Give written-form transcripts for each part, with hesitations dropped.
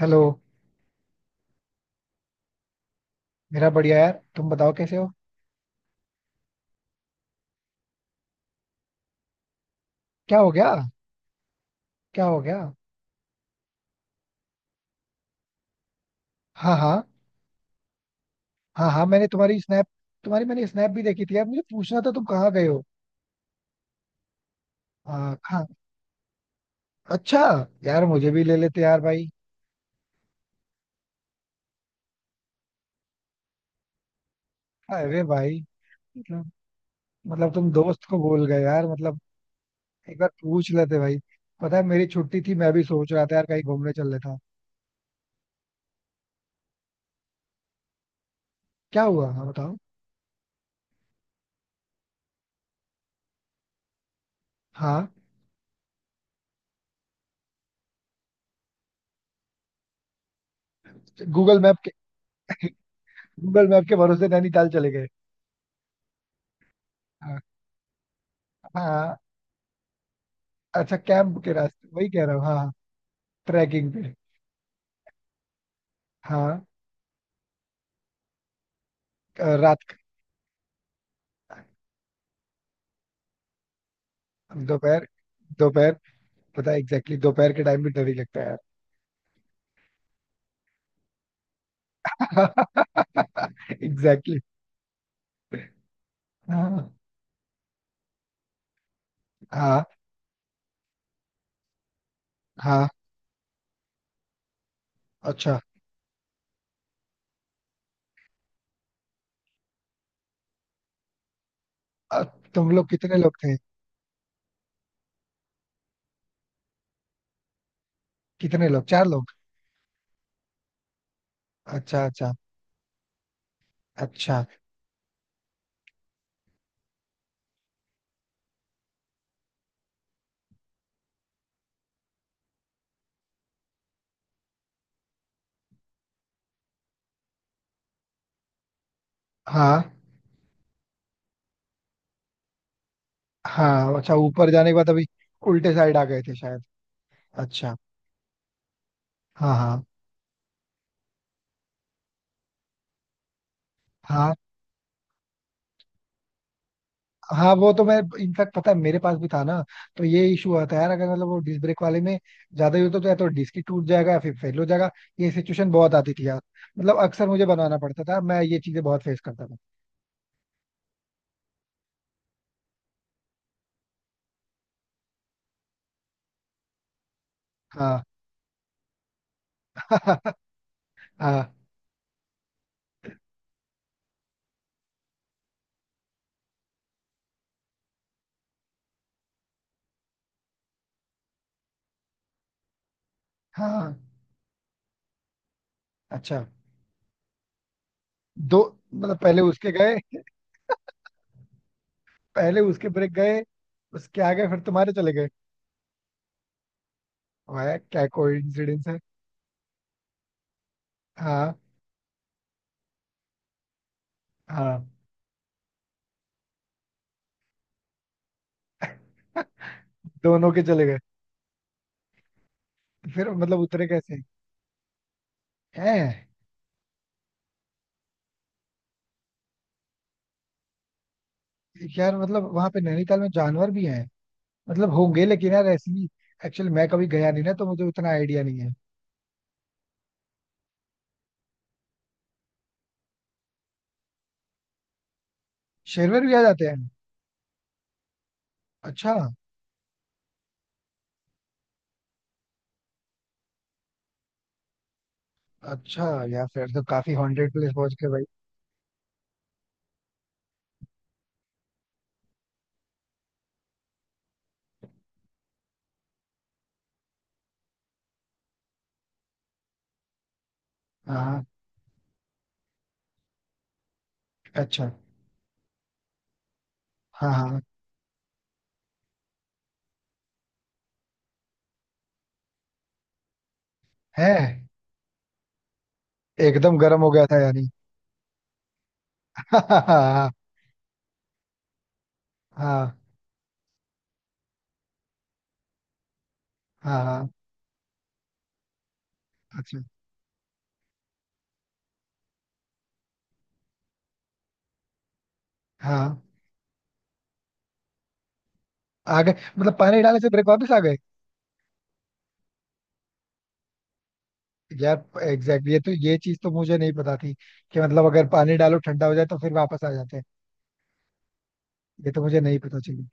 Hello. मेरा बढ़िया यार। तुम बताओ कैसे हो। क्या हो गया? क्या हो गया? हाँ हाँ। हाँ हाँ, मैंने तुम्हारी स्नैप तुम्हारी मैंने स्नैप भी देखी थी यार। मुझे पूछना था तुम कहाँ गए हो। हाँ हाँ, अच्छा। यार मुझे भी ले लेते यार भाई। अरे भाई। मतलब मतलब तुम दोस्त को बोल गए यार मतलब। एक बार पूछ लेते भाई। पता है मेरी छुट्टी थी, मैं भी सोच रहा था यार कहीं घूमने चल लेता। क्या हुआ? हाँ बताओ। हाँ। गूगल मैप के? गूगल मैप के भरोसे नैनीताल चले गए? हाँ हाँ, अच्छा कैंप के रास्ते वही कह रहा हूँ, हाँ। ट्रैकिंग पे? हाँ। रात? दोपहर। दोपहर। पता है एग्जैक्टली दोपहर के टाइम भी डर ही लगता है यार। एग्जैक्टली। हाँ हाँ हाँ। अच्छा। अ, तुम लोग कितने लोग थे? कितने लोग? चार लोग? अच्छा अच्छा। अच्छा। हाँ हाँ। अच्छा ऊपर जाने के बाद अभी उल्टे साइड आ गए थे शायद? अच्छा। हाँ हाँ। हाँ। हाँ वो तो मैं, इनफैक्ट पता है मेरे पास भी था ना, तो ये इशू होता है यार, अगर मतलब वो डिस्क ब्रेक वाले में ज्यादा यूज हो तो या तो डिस्क ही टूट जाएगा या फिर फेल हो जाएगा। ये सिचुएशन बहुत आती थी यार। मतलब अक्सर मुझे बनवाना पड़ता था, मैं ये चीजें बहुत फेस करता था। हाँ। हाँ हाँ। अच्छा। दो? मतलब पहले उसके गए? पहले उसके ब्रेक गए। उसके आगे फिर तुम्हारे चले गए? वाह क्या कोइंसिडेंस है। हाँ। हाँ। दोनों के चले गए? फिर मतलब उतरे कैसे? हैं? यार मतलब वहां पे नैनीताल में जानवर भी हैं? मतलब होंगे, लेकिन यार ऐसी, एक्चुअली मैं कभी गया नहीं ना तो मुझे उतना आइडिया नहीं है। शेरवर भी आ जाते हैं? अच्छा। अच्छा। यार फिर तो काफी हॉन्टेड प्लेस पहुंच गए भाई। हाँ हाँ, अच्छा। हाँ हाँ। है? एकदम गर्म हो गया था यानी? हाँ हाँ। हाँ हाँ। अच्छा। हाँ। आ गए? मतलब पानी डालने से ब्रेक वापस आ गए? यार एग्जैक्टली exactly, ये तो ये चीज तो मुझे नहीं पता थी। कि मतलब अगर पानी डालो ठंडा हो जाए तो फिर वापस आ जाते हैं। ये तो मुझे नहीं पता चली।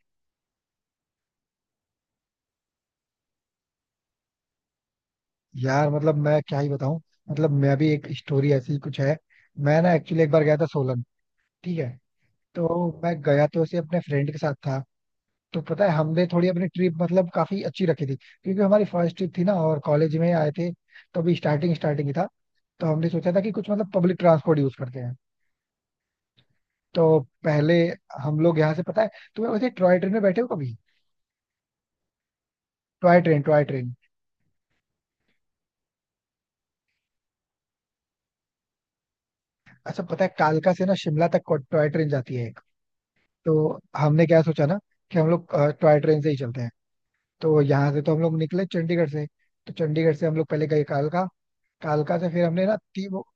यार मतलब मैं क्या ही बताऊं। मतलब मैं भी एक स्टोरी ऐसी ही कुछ है। मैं ना एक्चुअली एक बार गया था सोलन। ठीक है। तो मैं गया तो ऐसे अपने फ्रेंड के साथ था। तो पता है हमने थोड़ी अपनी ट्रिप मतलब काफी अच्छी रखी थी, क्योंकि हमारी फर्स्ट ट्रिप थी ना और कॉलेज में आए थे। तो अभी स्टार्टिंग स्टार्टिंग ही था। तो हमने सोचा था कि कुछ मतलब पब्लिक ट्रांसपोर्ट यूज करते हैं। तो पहले हम लोग यहाँ से पता है, तुम्हें वैसे टॉय ट्रेन में बैठे हो कभी? Toy train toy train. अच्छा पता है कालका से ना शिमला तक टॉय ट्रेन जाती है एक। तो हमने क्या सोचा ना, कि हम लोग टॉय ट्रेन से ही चलते हैं। तो यहाँ से तो हम लोग निकले चंडीगढ़ से। तो चंडीगढ़ से हम लोग पहले गए कालका। कालका से फिर हमने ना ती वो,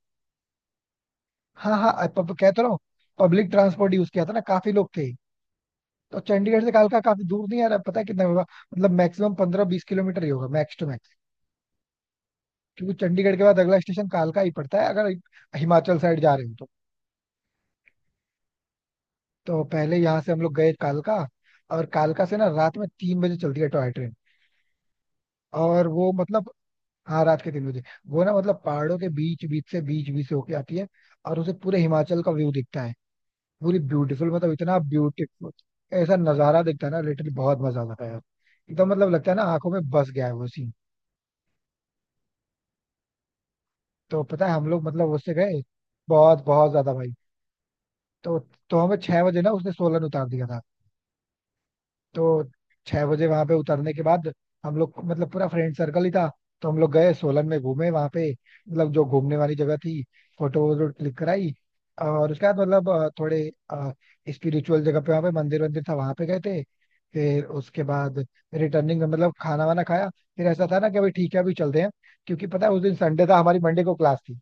हाँ हाँ, कहता रहा हूँ, पब्लिक ट्रांसपोर्ट यूज किया था ना, काफी लोग थे। तो चंडीगढ़ से कालका काफी दूर नहीं है यार, पता है कितना होगा? मतलब मैक्सिमम 15-20 किलोमीटर ही होगा, मैक्स टू मैक्स। क्योंकि चंडीगढ़ के बाद अगला स्टेशन कालका ही पड़ता है, अगर हिमाचल साइड जा रहे हो तो। तो पहले यहाँ से हम लोग गए कालका। और कालका से ना रात में 3 बजे चलती है टॉय ट्रेन। और वो मतलब, हाँ रात के 3 बजे। वो ना मतलब पहाड़ों के बीच बीच से, बीच बीच से होके आती है। और उसे पूरे हिमाचल का व्यू दिखता है। पूरी ब्यूटीफुल, मतलब इतना ब्यूटीफुल। ऐसा नजारा दिखता है ना, लिटरली बहुत मजा आता है यार। एकदम मतलब लगता है ना आंखों में बस गया है वो सीन। तो पता है हम लोग मतलब उससे गए। बहुत बहुत ज्यादा भाई। तो तो हमें 6 बजे ना उसने सोलन उतार दिया था। तो 6 बजे वहां पे उतरने के बाद हम लोग मतलब पूरा फ्रेंड सर्कल ही था, तो हम लोग गए सोलन में, घूमे वहां पे मतलब जो घूमने वाली जगह थी। फोटो वोटो क्लिक कराई। और उसके बाद मतलब थोड़े स्पिरिचुअल जगह पे वहां पे मंदिर वंदिर था, वहां पे गए थे। फिर उसके बाद रिटर्निंग, मतलब खाना वाना खाया। फिर ऐसा था ना कि अभी ठीक है अभी चलते हैं, क्योंकि पता है उस दिन संडे था, हमारी मंडे को क्लास थी।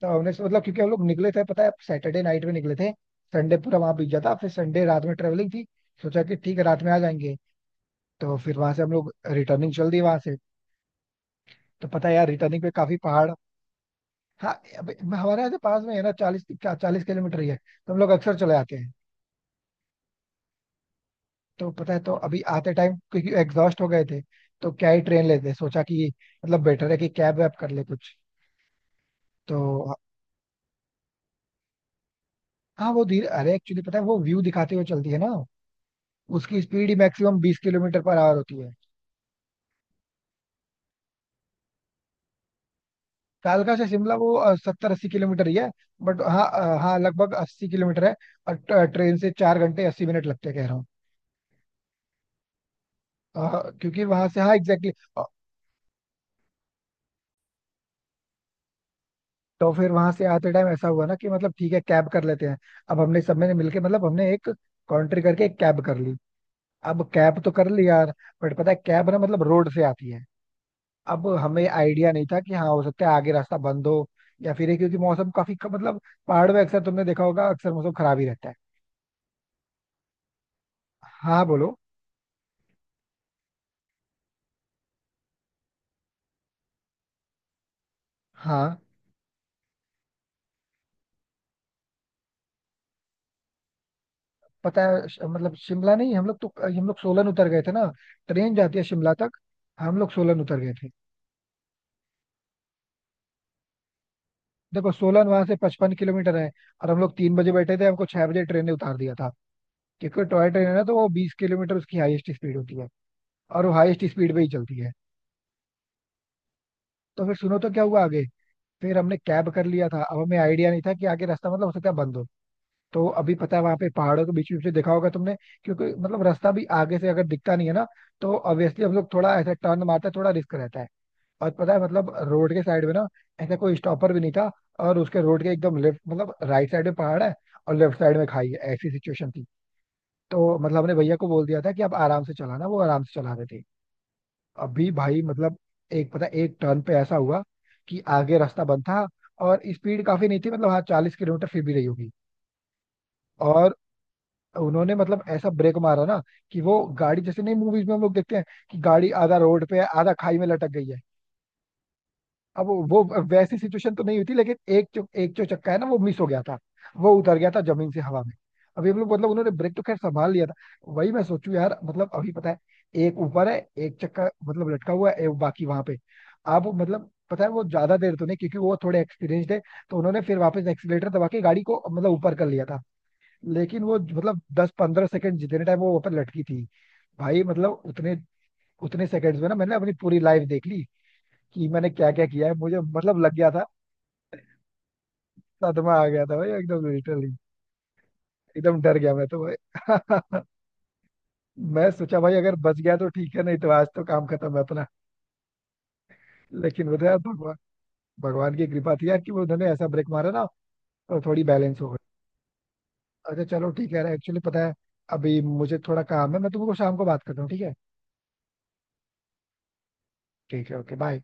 तो हमने मतलब क्योंकि हम लोग निकले थे, पता है सैटरडे नाइट में निकले थे। संडे पूरा वहां बीत जाता, फिर संडे रात में ट्रेवलिंग थी। सोचा कि ठीक है रात में आ जाएंगे। तो फिर वहां से हम लोग रिटर्निंग चल दी वहां से। तो पता है यार रिटर्निंग पे काफी पहाड़, हाँ अब हमारे यहाँ से पास में है ना, चालीस चालीस किलोमीटर ही है, तो हम लोग अक्सर चले आते हैं। तो पता है तो अभी आते टाइम क्योंकि एग्जॉस्ट हो गए थे, तो क्या ही ट्रेन लेते, सोचा कि मतलब बेटर है कि कैब वैब कर ले कुछ। तो हाँ, वो धीरे, अरे एक्चुअली पता है वो व्यू दिखाते हुए चलती है ना, उसकी स्पीड ही मैक्सिमम 20 किलोमीटर पर आवर होती है। कालका से शिमला वो 70-80 किलोमीटर ही है। बट हाँ, हाँ लगभग 80 किलोमीटर है। और ट्रेन से 4 घंटे 80 मिनट लगते हैं, कह रहा हूँ। हाँ, क्योंकि वहां से हाँ एग्जैक्टली exactly। तो फिर वहां से आते टाइम ऐसा हुआ ना कि मतलब ठीक है कैब कर लेते हैं। अब हमने सब ने मिलके मतलब हमने एक कॉन्ट्री करके एक कैब कर ली। अब कैब तो कर ली यार, बट पता है कैब ना मतलब रोड से आती है। अब हमें आइडिया नहीं था कि हाँ हो सकता है आगे रास्ता बंद हो, या फिर ये, क्योंकि मौसम काफी मतलब पहाड़ में अक्सर तुमने देखा होगा अक्सर मौसम खराब ही रहता है। हाँ बोलो। हाँ पता है मतलब शिमला नहीं, हम लोग तो हम लोग सोलन उतर गए थे ना। ट्रेन जाती है शिमला तक। हम लोग सोलन उतर गए थे। देखो सोलन वहां से 55 किलोमीटर है। और हम लोग 3 बजे बैठे थे, हमको 6 बजे ट्रेन ने उतार दिया था। क्योंकि टॉय ट्रेन है ना तो वो 20 किलोमीटर उसकी हाईएस्ट स्पीड होती है। और वो हाईएस्ट स्पीड पे ही चलती है। तो फिर सुनो तो क्या हुआ आगे। फिर हमने कैब कर लिया था। अब हमें आइडिया नहीं था कि आगे रास्ता मतलब हो सकता है बंद हो। तो अभी पता है वहां पे पहाड़ों के बीच बीच में देखा होगा तुमने। क्योंकि मतलब रास्ता भी आगे से अगर दिखता नहीं है ना, तो ऑब्वियसली हम लोग थोड़ा ऐसा टर्न मारते हैं, थोड़ा रिस्क रहता है। और पता है मतलब रोड के साइड में ना ऐसा कोई स्टॉपर भी नहीं था। और उसके रोड के एकदम लेफ्ट, मतलब राइट साइड में पहाड़ है, और लेफ्ट साइड में खाई है, ऐसी सिचुएशन थी। तो मतलब हमने भैया को बोल दिया था कि आप आराम से चलाना, वो आराम से चला रहे थे। अभी भाई मतलब एक पता है, एक टर्न पे ऐसा हुआ कि आगे रास्ता बंद था, और स्पीड काफी नहीं थी, मतलब हाँ 40 किलोमीटर फिर भी रही होगी। और उन्होंने मतलब ऐसा ब्रेक मारा ना कि वो गाड़ी जैसे नहीं मूवीज में हम लोग देखते हैं कि गाड़ी आधा रोड पे है, आधा खाई में लटक गई है। अब वो वैसी सिचुएशन तो नहीं हुई थी, लेकिन एक जो चक्का है ना वो मिस हो गया था। वो उतर गया था जमीन से हवा में। अभी हम लोग मतलब उन्होंने ब्रेक तो खैर संभाल लिया था। वही मैं सोचू यार मतलब अभी पता है एक ऊपर है, एक चक्का मतलब लटका हुआ है, एक बाकी वहां पे। आप मतलब पता है वो ज्यादा देर तो नहीं, क्योंकि वो थोड़े एक्सपीरियंस्ड है। तो उन्होंने फिर वापस एक्सीलेटर दबा के गाड़ी को मतलब ऊपर कर लिया था। लेकिन वो मतलब 10-15 सेकंड जितने टाइम वो ऊपर लटकी थी। भाई मतलब उतने उतने सेकंड्स में ना मैंने अपनी पूरी लाइफ देख ली। कि मैंने क्या क्या किया है मुझे मतलब लग गया था। सदमा आ गया था भाई एकदम लिटरली। एकदम डर गया मैं तो भाई। मैं सोचा भाई अगर बच गया तो ठीक है, नहीं तो आज तो काम खत्म है अपना। लेकिन बताया भगवान, भगवान की कृपा थी यार कि वो उन्होंने ऐसा ब्रेक मारा ना, और थोड़ी बैलेंस हो गई। अच्छा चलो ठीक है यार, एक्चुअली पता है अभी मुझे थोड़ा काम है, मैं तुमको शाम को बात करता हूँ, ठीक है? ठीक है ओके बाय।